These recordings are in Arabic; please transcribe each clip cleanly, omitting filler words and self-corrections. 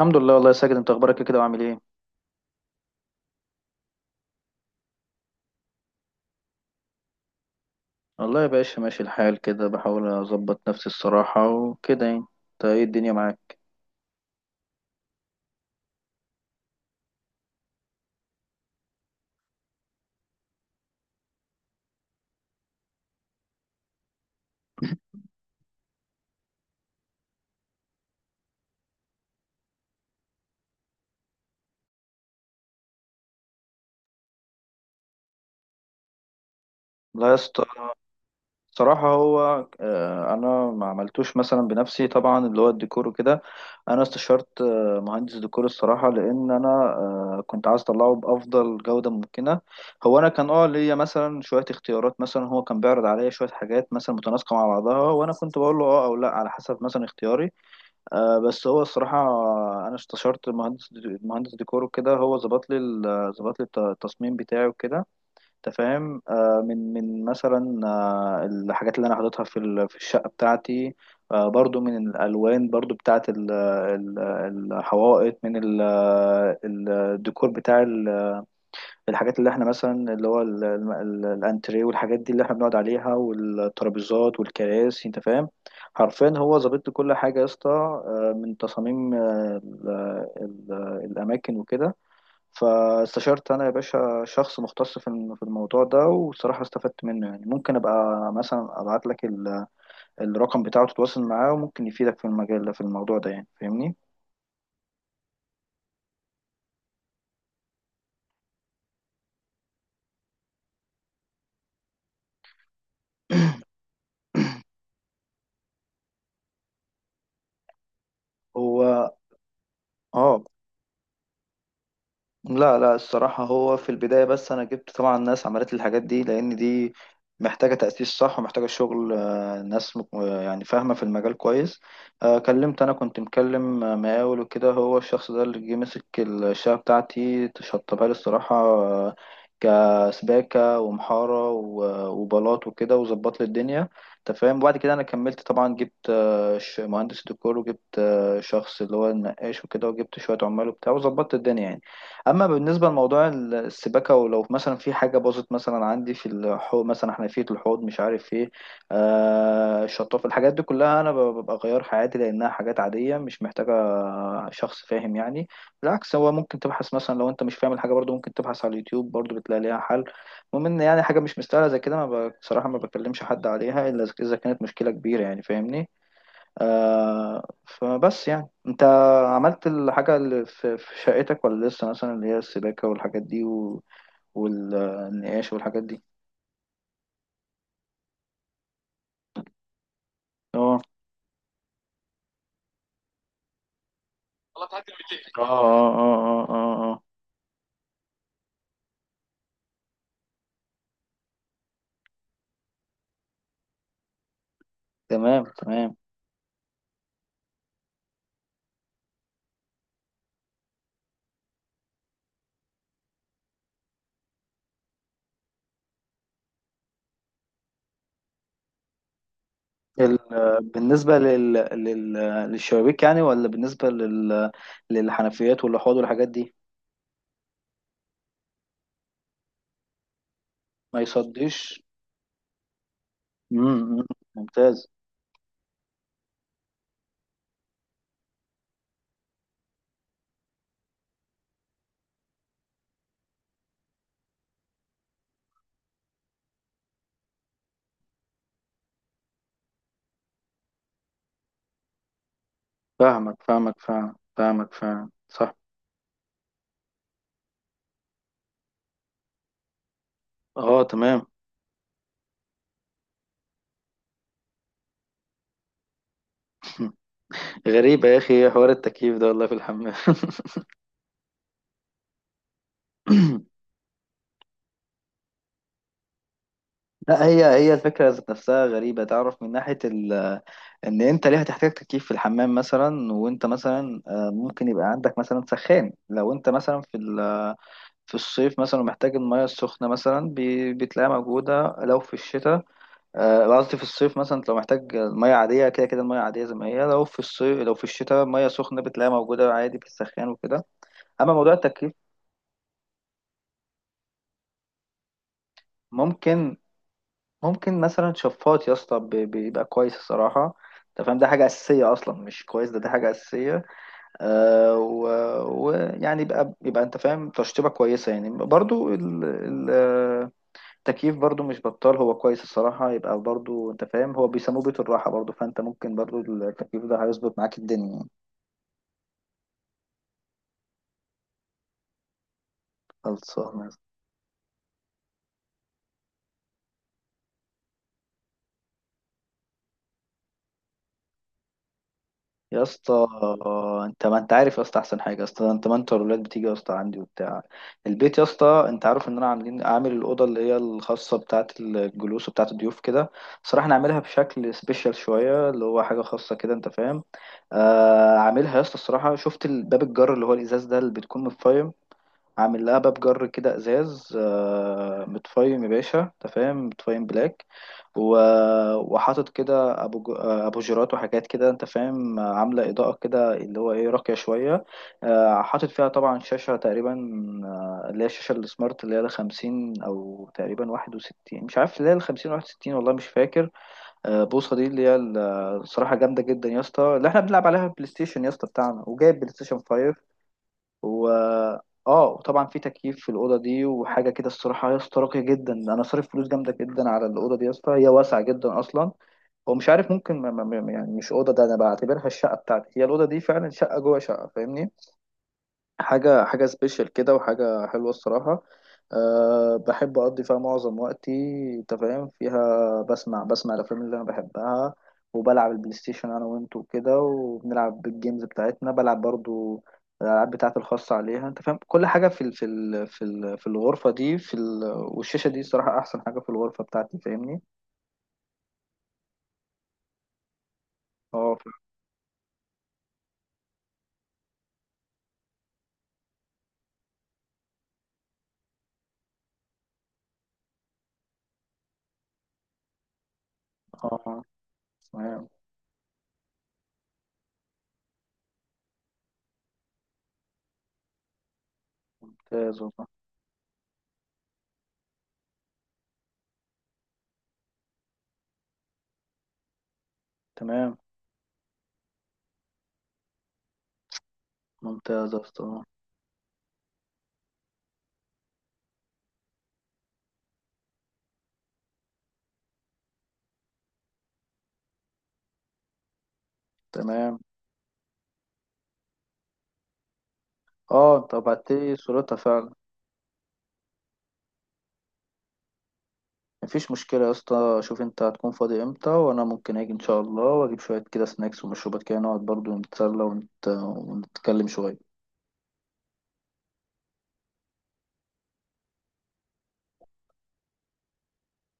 الحمد لله والله يا ساجد، انت اخبارك إيه كده وعامل ايه؟ والله يا باشا ماشي الحال كده، بحاول اظبط نفسي الصراحه وكده يعني. انت ايه الدنيا معاك؟ لا يا اسطى، الصراحه هو، انا ما عملتوش مثلا بنفسي طبعا اللي هو الديكور وكده. انا استشرت مهندس ديكور الصراحه، لان انا كنت عايز اطلعه بافضل جوده ممكنه. هو انا كان ليا مثلا شويه اختيارات، مثلا هو كان بيعرض عليا شويه حاجات مثلا متناسقه مع بعضها، وانا كنت بقول له اه او لا على حسب مثلا اختياري. بس هو الصراحة، أنا استشرت مهندس ديكور وكده، هو ظبط لي التصميم بتاعي وكده. أنت فاهم، من مثلا الحاجات اللي أنا حاططها في الشقة بتاعتي، برضو من الألوان، برضو بتاعت الحوائط، من ال- آه، الديكور بتاع الحاجات اللي احنا مثلا اللي هو الانتريه والحاجات دي اللي احنا بنقعد عليها والترابيزات والكراسي، انت فاهم. حرفيا هو ظابط لي كل حاجه يا اسطى، من تصاميم، الاماكن وكده. فاستشرت انا يا باشا شخص مختص في الموضوع ده، والصراحه استفدت منه يعني، ممكن ابقى مثلا ابعت لك الرقم بتاعه تتواصل معاه، وممكن يفيدك في المجال ده، في الموضوع ده يعني، فاهمني. هو، اه لا، لا، الصراحة هو في البداية بس أنا جبت طبعا ناس عملت لي الحاجات دي، لأن دي محتاجة تأسيس صح، ومحتاجة شغل، ناس يعني فاهمة في المجال كويس. كلمت، أنا كنت مكلم مقاول وكده، هو الشخص ده اللي جه مسك الشقة بتاعتي شطبها لي الصراحة، كسباكة ومحارة وبلاط وكده، وظبط لي الدنيا، أنت فاهم. وبعد كده أنا كملت طبعا، جبت مهندس ديكور، وجبت شخص اللي هو النقاش وكده، وجبت شوية عمال وبتاع، وظبطت الدنيا يعني. اما بالنسبه لموضوع السباكه، ولو مثلا في حاجه باظت مثلا عندي في الحوض، مثلا حنفيه الحوض مش عارف ايه، الشطافه، الحاجات دي كلها انا ببقى غيرها عادي، لانها حاجات عاديه مش محتاجه شخص فاهم يعني. بالعكس، هو ممكن تبحث مثلا لو انت مش فاهم الحاجه، برضو ممكن تبحث على اليوتيوب، برضو بتلاقي ليها حل. المهم ان يعني حاجه مش مستاهله زي كده، ما بصراحه، ما بكلمش حد عليها الا إذا كانت مشكله كبيره يعني، فاهمني. فبس يعني انت عملت الحاجة اللي في شقتك ولا لسه، مثلا اللي هي السباكة والحاجات دي والنقاش والحاجات دي؟ اه، اه، اه، اه، اه، اه، اه. تمام، تمام. ال... بالنسبة للشبابيك يعني، ولا بالنسبة للحنفيات والأحواض والحاجات دي؟ ما يصديش. مم، مم. ممتاز. فاهمك، فاهمك، فاهم، فاهمك، فاهم، صح. اه، تمام. غريبة يا أخي، حوار التكييف ده والله في الحمام. لا، هي الفكرة ذات نفسها غريبة، تعرف، من ناحية إن أنت ليه هتحتاج تكييف في الحمام مثلا؟ وأنت مثلا ممكن يبقى عندك مثلا سخان، لو أنت مثلا في الصيف مثلا محتاج المياه السخنة، مثلا بتلاقيها موجودة، لو في الشتاء. قصدي في الصيف مثلا لو محتاج مياه عادية كده، كده المياه عادية زي ما هي، لو في الصيف، لو في الشتاء مياه سخنة بتلاقيها موجودة عادي في السخان وكده. أما موضوع التكييف، ممكن ممكن مثلا شفاط يا اسطى بيبقى كويس الصراحة، انت فاهم، ده حاجة أساسية أصلا، مش كويس، ده حاجة أساسية. آه ويعني يبقى انت فاهم تشطيبة كويسة يعني، برضو التكييف برضو مش بطال، هو كويس الصراحة، يبقى برضو انت فاهم، هو بيسموه بيت الراحة، برضو فانت ممكن، برضو التكييف ده هيظبط معاك الدنيا يعني. خلصانة. يا اسطى انت ما انت عارف يا اسطى احسن حاجه، يا اسطى انت ما انت والولاد بتيجي يا اسطى عندي وبتاع البيت، يا اسطى انت عارف ان انا عامل الاوضه اللي هي الخاصه بتاعه الجلوس وبتاعه الضيوف كده. صراحه انا عاملها بشكل سبيشال شويه، اللي هو حاجه خاصه كده، انت فاهم. عاملها يا اسطى الصراحه، شفت الباب الجر اللي هو الازاز ده اللي بتكون متفايم، عامل لها باب جر كده ازاز، متفايم يا باشا، انت فاهم، متفايم بلاك، وحاطط كده، ابوجرات وحاجات كده، انت فاهم. عامله اضاءه كده اللي هو ايه راقيه شويه، حاطط فيها طبعا شاشه تقريبا، اللي هي الشاشه السمارت اللي هي 50 او تقريبا 61، مش عارف، اللي هي 50 61، والله مش فاكر، بوصه، دي اللي هي الصراحه جامده جدا يا اسطى، اللي احنا بنلعب عليها بلاي ستيشن يا اسطى بتاعنا، وجايب بلاي ستيشن 5. و اه وطبعا في تكييف في الاوضه دي وحاجه كده، الصراحه يا اسطى راقيه جدا. انا صارف فلوس جامده جدا على الاوضه دي يا اسطى، هي واسعه جدا اصلا، هو مش عارف، ممكن يعني مش اوضه ده، انا بعتبرها الشقه بتاعتي هي الاوضه دي، فعلا شقه جوه شقه، فاهمني. حاجة سبيشال كده، وحاجة حلوة الصراحة. أه، بحب أقضي فيها معظم وقتي، أنت فاهم، فيها بسمع الأفلام اللي أنا بحبها، وبلعب البلاي ستيشن أنا وأنت وكده، وبنلعب الجيمز بتاعتنا، بلعب برضو الألعاب بتاعتي الخاصة عليها، أنت فاهم، كل حاجة في الغرفة دي، في ال والشاشة دي الصراحة أحسن حاجة في الغرفة بتاعتي، فاهمني؟ أه ف- أه، تمام، ممتاز والله، تمام، ممتاز يا أسطى. تمام، أه، أنت بعتلي صورتها فعلا. مفيش مشكلة يا اسطى، شوف انت هتكون فاضي امتى، وانا ممكن اجي ان شاء الله، واجيب شوية كده سناكس ومشروبات كده، نقعد برضو نتسلى ونتكلم شوية.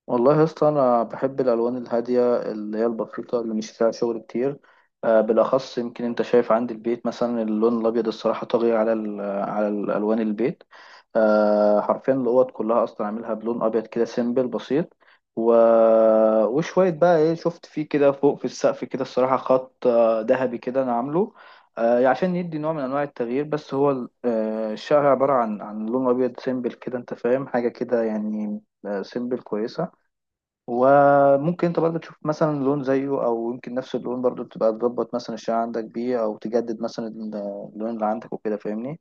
والله يا اسطى انا بحب الالوان الهاديه اللي هي البسيطه اللي مش فيها شغل كتير، بالاخص يمكن انت شايف عندي البيت مثلا اللون الابيض الصراحه طاغي على الالوان البيت. حرفيا الاوض كلها اصلا عاملها بلون ابيض كده سيمبل بسيط، و... وشويه بقى ايه، شفت فيه كده فوق في السقف كده الصراحه خط ذهبي كده انا عامله، يعني عشان يدي نوع من انواع التغيير. بس هو الشقه عباره عن لون ابيض سيمبل كده، انت فاهم حاجه كده يعني، سيمبل كويسه. وممكن انت برضه تشوف مثلا لون زيه، او يمكن نفس اللون برضه تبقى تظبط مثلا الشعر عندك بيه، او تجدد مثلا اللون اللي عندك وكده، فاهمني.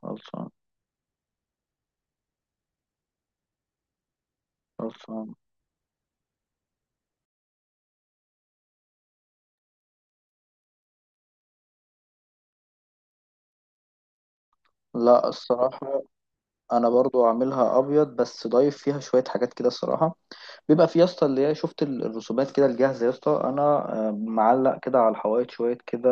خلصان، خلصان. لا، الصراحة انا برضو عاملها ابيض، بس ضايف فيها شوية حاجات كده الصراحة. بيبقى في يا اسطى اللي هي، شفت الرسومات كده الجاهزه يا اسطى، انا معلق كده على الحوائط شويه كده،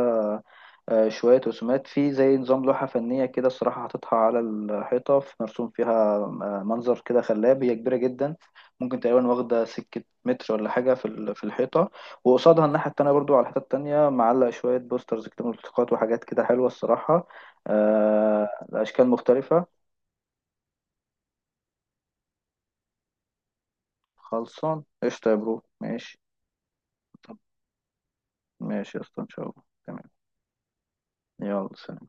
شويه رسومات في زي نظام لوحه فنيه كده، الصراحه حاططها على الحيطه، في مرسوم فيها منظر كده خلاب، هي كبيره جدا، ممكن تقريبا واخده سكه متر ولا حاجه في الحيطه. وقصادها الناحيه التانيه برضو، على الحيطه التانيه معلق شويه بوسترز كده، ملصقات وحاجات كده حلوه الصراحه، اشكال مختلفه. خلصان، قشطه يا برو، ماشي، ماشي يا اسطى، ان شاء الله، تمام. يلا، سلام.